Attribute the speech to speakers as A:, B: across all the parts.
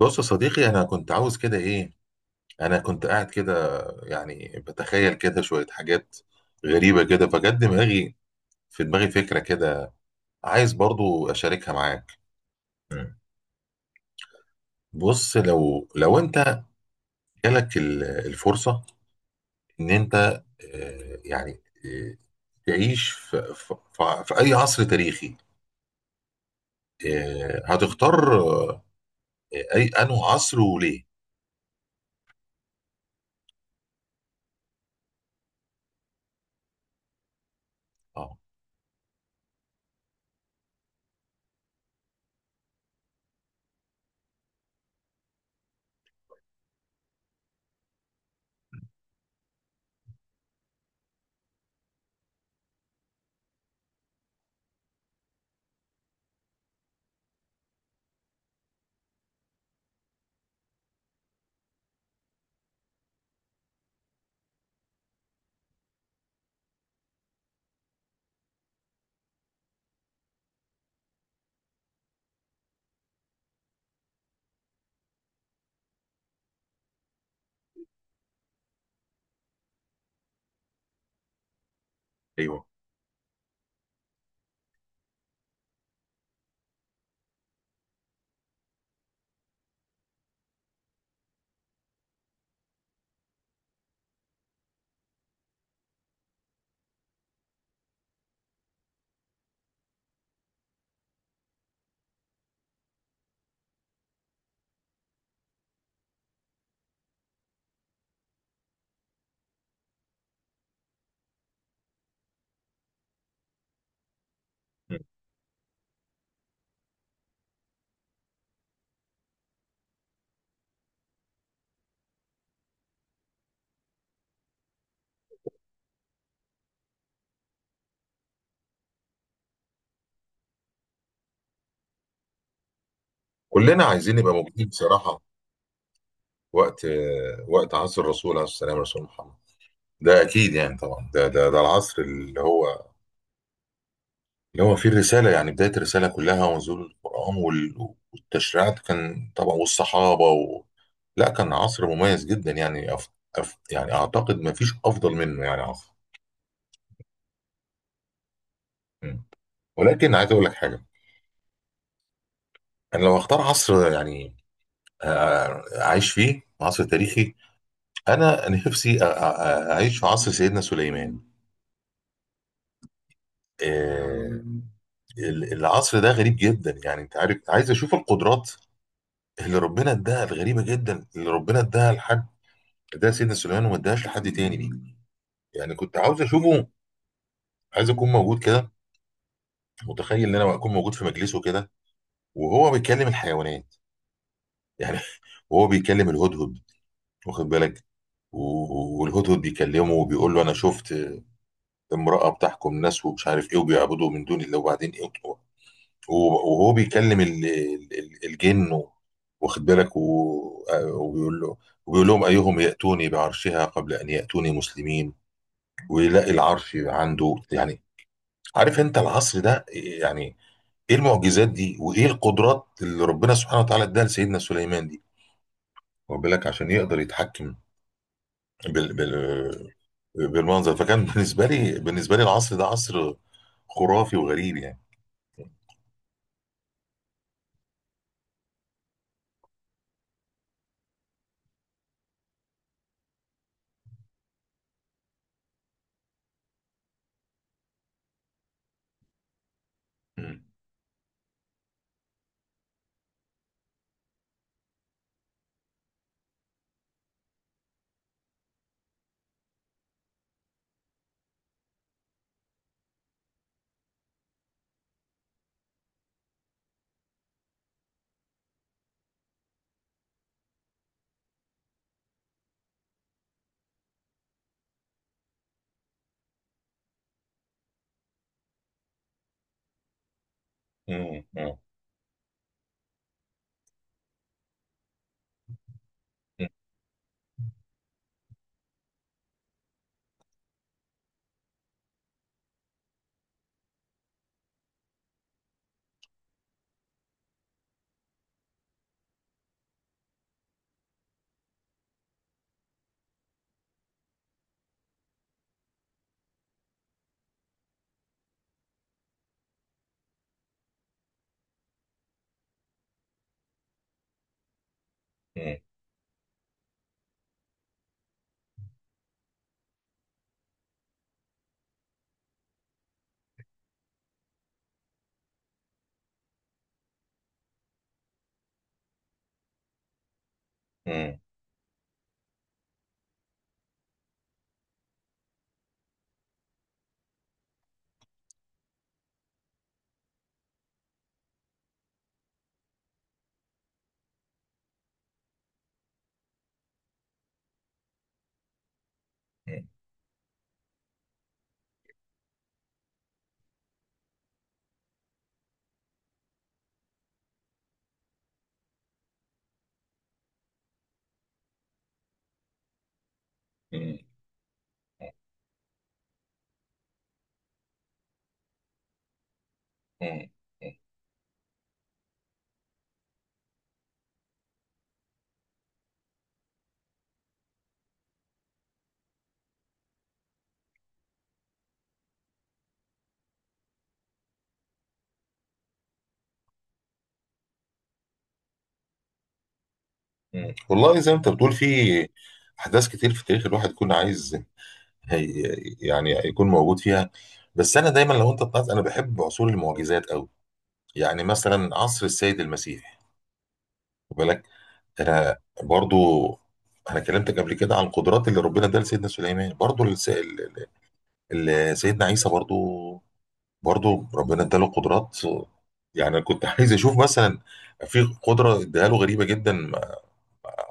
A: بص يا صديقي، انا كنت عاوز كده ايه، انا كنت قاعد كده، يعني بتخيل كده شوية حاجات غريبة كده فجت دماغي، في دماغي فكرة كده عايز برضو اشاركها معاك. مم. بص، لو انت جالك الفرصة ان انت يعني تعيش في اي عصر تاريخي، هتختار اي انه عصر وليه؟ اه، ايوه. مم. كلنا عايزين نبقى موجودين بصراحة وقت، وقت عصر الرسول عليه السلام، رسول محمد ده اكيد يعني طبعا، ده العصر اللي هو اللي هو فيه الرساله، يعني بدايه الرساله كلها ونزول القران والتشريعات كان طبعا، والصحابه و... لا كان عصر مميز جدا يعني يعني اعتقد ما فيش افضل منه يعني عصر. م. ولكن عايز اقول لك حاجه، انا لو اختار عصر يعني اعيش فيه عصر تاريخي، انا نفسي اعيش في عصر سيدنا سليمان. آه، العصر ده غريب جدا يعني انت عارف، عايز اشوف القدرات اللي ربنا اداها الغريبه جدا، اللي ربنا اداها لحد، اداها سيدنا سليمان وما اداهاش لحد تاني دي. يعني كنت عاوز اشوفه، عايز اكون موجود كده، متخيل ان انا اكون موجود في مجلسه كده وهو بيكلم الحيوانات يعني. وهو بيكلم الهدهد، واخد بالك، والهدهد بيكلمه وبيقول له انا شفت امراه بتحكم ناس ومش عارف ايه وبيعبدوا من دون الله، وبعدين ايه، وهو بيكلم الجن واخد بالك، وبيقول له، وبيقول لهم أيهم يأتوني بعرشها قبل أن يأتوني مسلمين، ويلاقي العرش عنده يعني. عارف أنت العصر ده يعني إيه المعجزات دي وإيه القدرات اللي ربنا سبحانه وتعالى إداها لسيدنا سليمان دي، واخد بالك، عشان يقدر يتحكم بال بالمنظر. فكان بالنسبة لي، بالنسبة لي العصر ده عصر خرافي وغريب يعني. مم. مم. مم. مم. مم. مم. مم. والله زي ما انت بتقول في احداث كتير في التاريخ الواحد يكون عايز، هي يعني يكون موجود فيها. بس انا دايما لو انت طلعت انا بحب عصور المعجزات قوي، يعني مثلا عصر السيد المسيح، خد بالك. انا برضو، انا كلمتك قبل كده عن القدرات اللي ربنا اداها لسيدنا سليمان، برضو سيدنا عيسى برضو، برضو ربنا اداله قدرات، يعني انا كنت عايز اشوف مثلا في قدره اداها له غريبه جدا،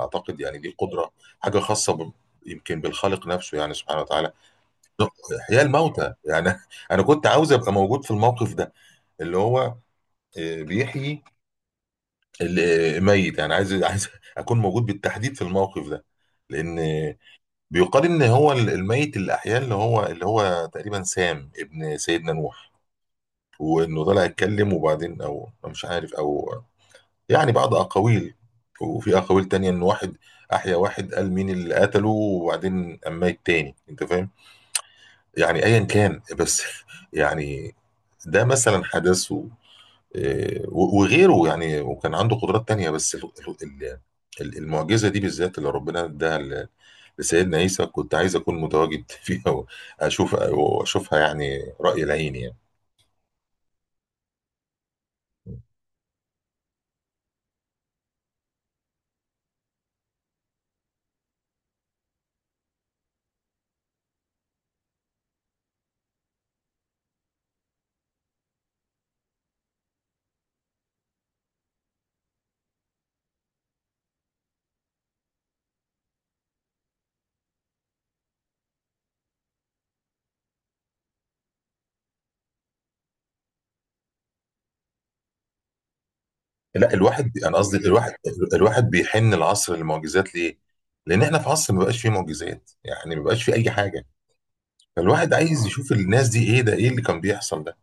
A: اعتقد يعني دي قدره حاجه خاصه ب... يمكن بالخالق نفسه يعني سبحانه وتعالى. احياء الموتى يعني. انا كنت عاوز ابقى موجود في الموقف ده اللي هو بيحيي الميت يعني، عايز، عايز اكون موجود بالتحديد في الموقف ده، لان بيقال ان هو الميت اللي احياه اللي هو، اللي هو تقريبا سام ابن سيدنا نوح، وانه طلع يتكلم وبعدين او أو مش عارف او، يعني بعض أقاويل. وفي أقاويل تانية إن واحد أحيا واحد قال مين اللي قتله وبعدين قام ميت تاني، أنت فاهم؟ يعني أيا كان بس يعني ده مثلا حدث وغيره يعني، وكان عنده قدرات تانية بس المعجزة دي بالذات اللي ربنا اداها لسيدنا عيسى كنت عايز أكون متواجد فيها، وأشوف، وأشوفها يعني رأي العين يعني. لا الواحد، انا قصدي الواحد، الواحد بيحن العصر للمعجزات ليه؟ لان احنا في عصر ما بقاش فيه معجزات، يعني ما بقاش فيه اي حاجه، فالواحد عايز يشوف الناس دي ايه ده، ايه اللي كان بيحصل ده.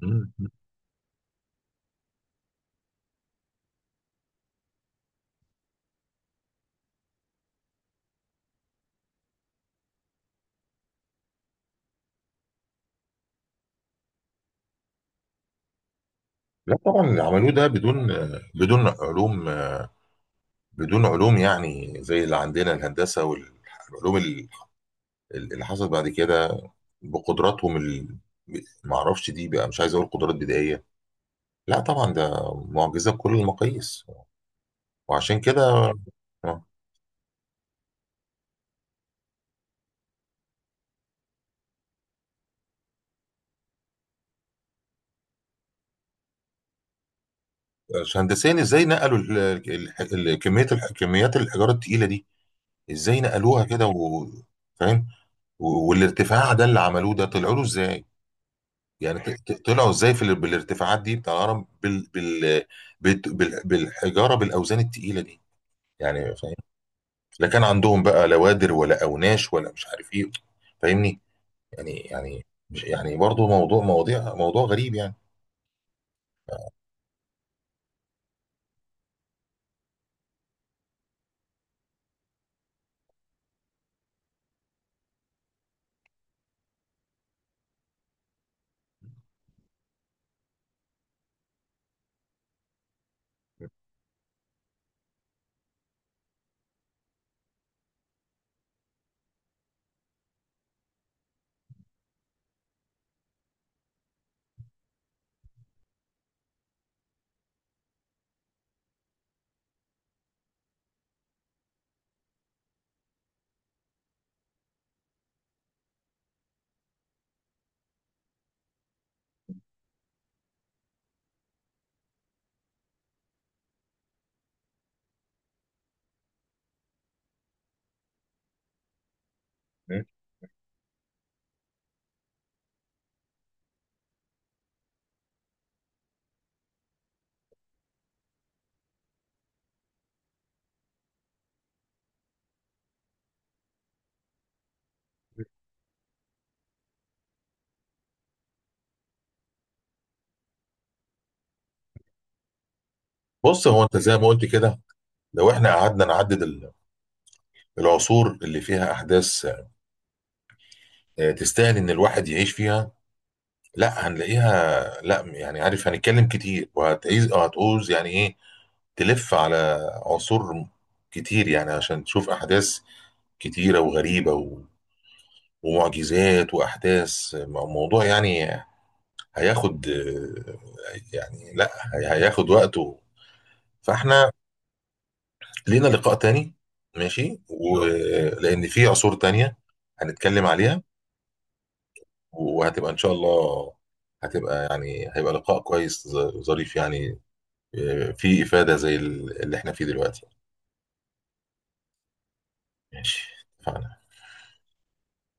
A: مم. لا طبعا اللي عملوه ده بدون، بدون علوم، بدون علوم يعني زي اللي عندنا الهندسه والعلوم اللي حصلت بعد كده بقدراتهم ال... ما اعرفش دي بقى، مش عايز اقول قدرات بدائيه، لا طبعا ده معجزه بكل المقاييس، وعشان كده آه. هندسيا ازاي نقلوا ال- كميه كميات الحجاره التقيله دي، ازاي نقلوها كده و... فاهم، والارتفاع ده اللي عملوه ده طلعوا له ازاي؟ يعني طلعوا ازاي في بالارتفاعات دي بتاع الهرم بالحجاره بالاوزان التقيله دي يعني فاهم، لا كان عندهم بقى لا وادر ولا اوناش ولا مش عارف ايه، فاهمني، يعني يعني مش يعني برضه موضوع موضوع غريب يعني. م? بص هو انت زي ما قلت كده، لو احنا قعدنا نعدد العصور اللي فيها احداث تستاهل ان الواحد يعيش فيها، لا هنلاقيها، لا يعني عارف هنتكلم كتير، وهتعيز أو هتعوز يعني ايه تلف على عصور كتير يعني عشان تشوف احداث كتيره وغريبه و... ومعجزات واحداث موضوع يعني هياخد، يعني لا هياخد وقته. فاحنا لينا لقاء تاني ماشي، ولان في عصور تانية هنتكلم عليها، وهتبقى ان شاء الله، هتبقى يعني هيبقى لقاء كويس ظريف يعني، فيه افاده زي اللي احنا فيه دلوقتي. ماشي، اتفقنا.